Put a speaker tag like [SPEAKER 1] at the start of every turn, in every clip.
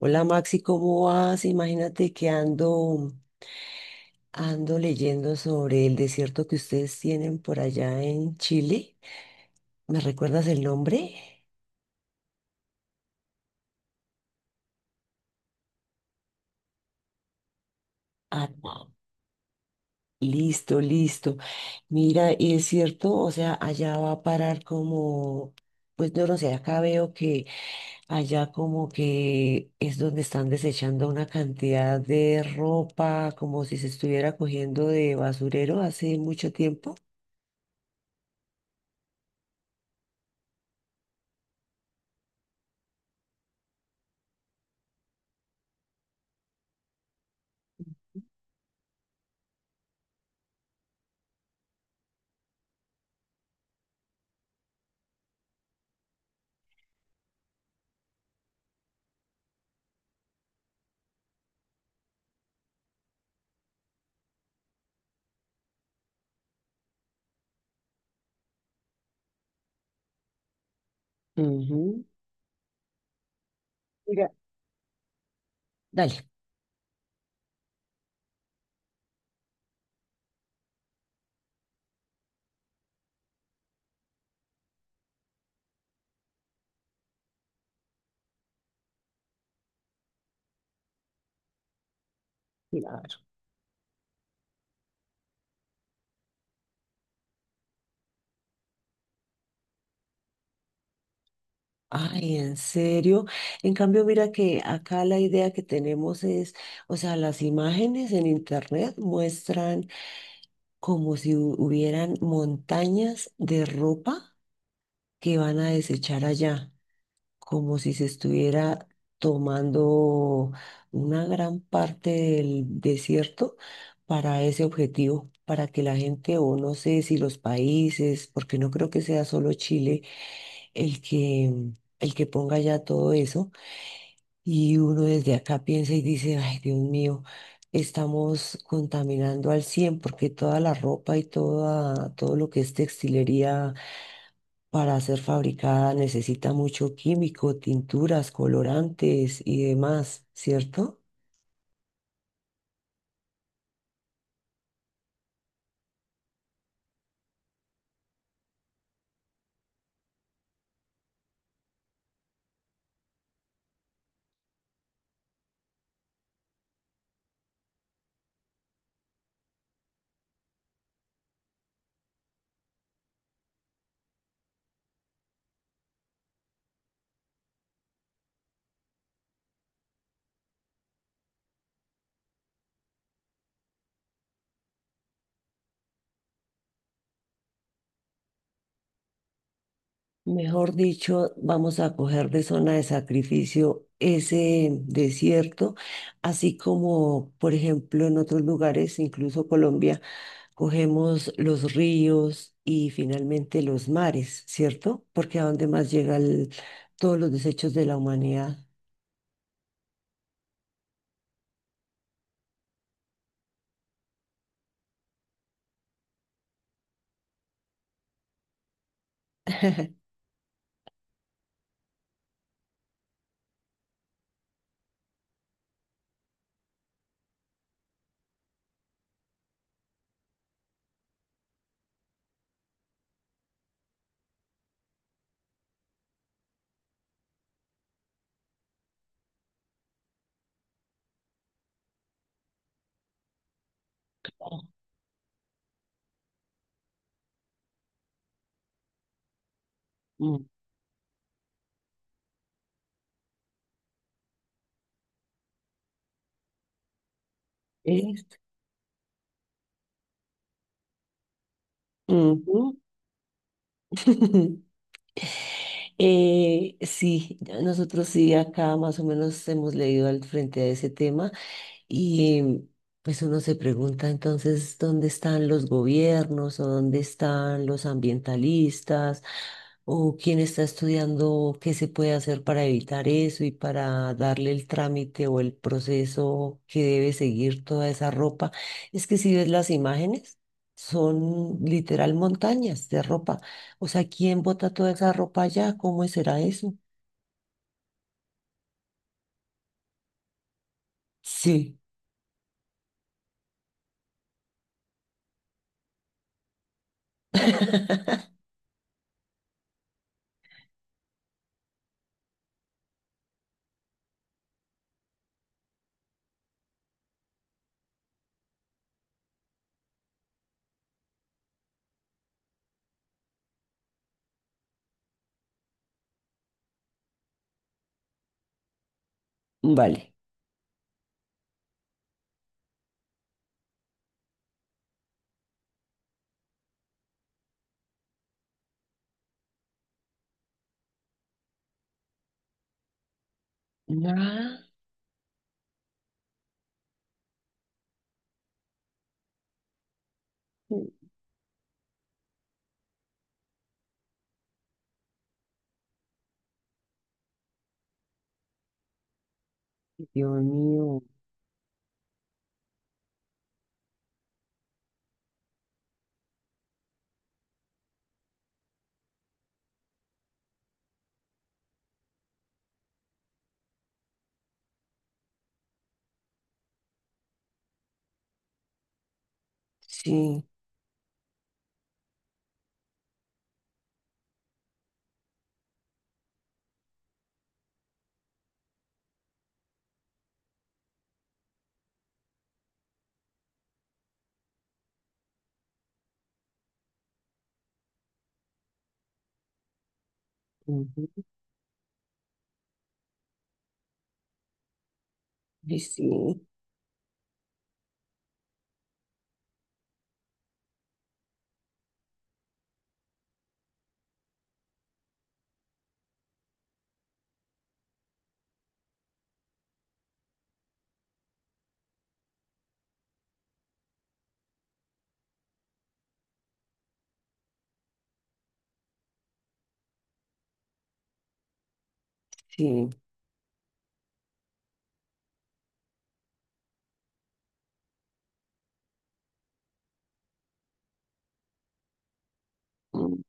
[SPEAKER 1] Hola Maxi, ¿cómo vas? Imagínate que ando leyendo sobre el desierto que ustedes tienen por allá en Chile. ¿Me recuerdas el nombre? Ah, no. Listo, listo. Mira, y es cierto, o sea, allá va a parar como, pues no lo sé, acá veo que allá como que es donde están desechando una cantidad de ropa, como si se estuviera cogiendo de basurero hace mucho tiempo. Ujú. Mira, dale. Claro. Ay, en serio. En cambio, mira que acá la idea que tenemos es, o sea, las imágenes en internet muestran como si hubieran montañas de ropa que van a desechar allá, como si se estuviera tomando una gran parte del desierto para ese objetivo, para que la gente, o no sé si los países, porque no creo que sea solo Chile el que, el que ponga ya todo eso. Y uno desde acá piensa y dice, ay, Dios mío, estamos contaminando al cien, porque toda la ropa y todo lo que es textilería para ser fabricada necesita mucho químico, tinturas, colorantes y demás, ¿cierto? Mejor dicho, vamos a coger de zona de sacrificio ese desierto, así como, por ejemplo, en otros lugares, incluso Colombia, cogemos los ríos y finalmente los mares, ¿cierto? Porque a dónde más llegan todos los desechos de la humanidad. Mm. es- Ujú. Sí, ya nosotros sí acá más o menos hemos leído al frente a ese tema. Y pues uno se pregunta entonces dónde están los gobiernos o dónde están los ambientalistas o quién está estudiando qué se puede hacer para evitar eso y para darle el trámite o el proceso que debe seguir toda esa ropa. Es que si ves las imágenes, son literal montañas de ropa. O sea, ¿quién bota toda esa ropa allá? ¿Cómo será eso? Sí. Vale. Ah, Dios mío. Sí, ujú, ay, sí, sí. Mm,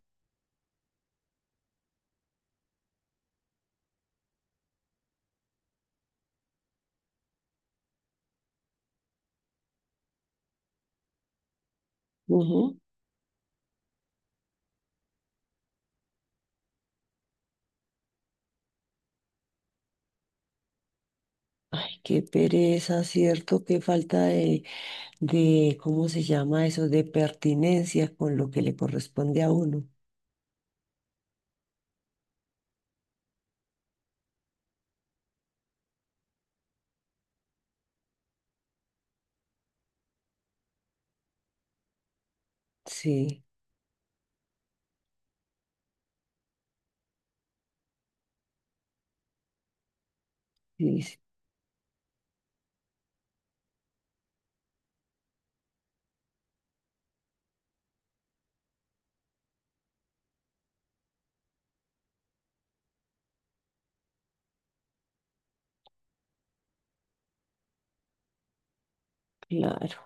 [SPEAKER 1] ujú. Ay, qué pereza, ¿cierto? Qué falta de, ¿cómo se llama eso? De pertinencia con lo que le corresponde a uno. Sí, sí, sí, claro.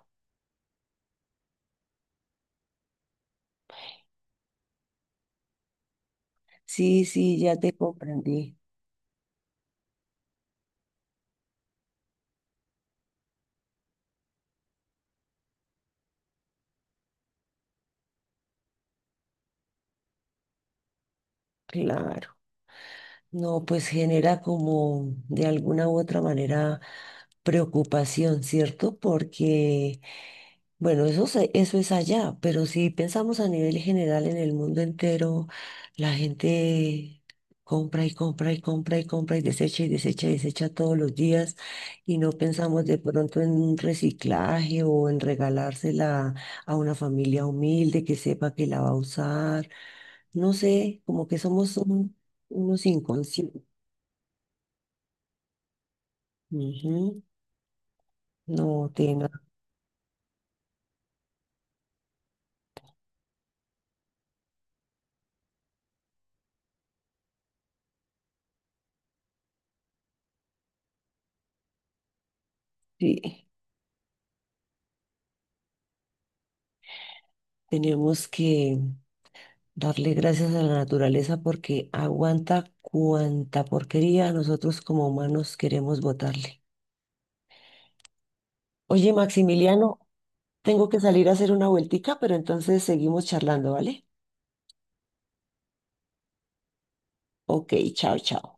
[SPEAKER 1] Sí, sí, ya te comprendí. Claro. No, pues genera como de alguna u otra manera preocupación, ¿cierto? Porque bueno, eso, eso es allá, pero si pensamos a nivel general en el mundo entero, la gente compra y compra y compra y compra y desecha y desecha y desecha todos los días, y no pensamos de pronto en un reciclaje o en regalársela a una familia humilde que sepa que la va a usar. No sé, como que somos unos inconscientes. Ujú. No, Tena, sí, tenemos que... darle gracias a la naturaleza porque aguanta cuanta porquería nosotros como humanos queremos botarle. Oye, Maximiliano, tengo que salir a hacer una vueltica, pero entonces seguimos charlando, ¿vale? Ok, chao, chao.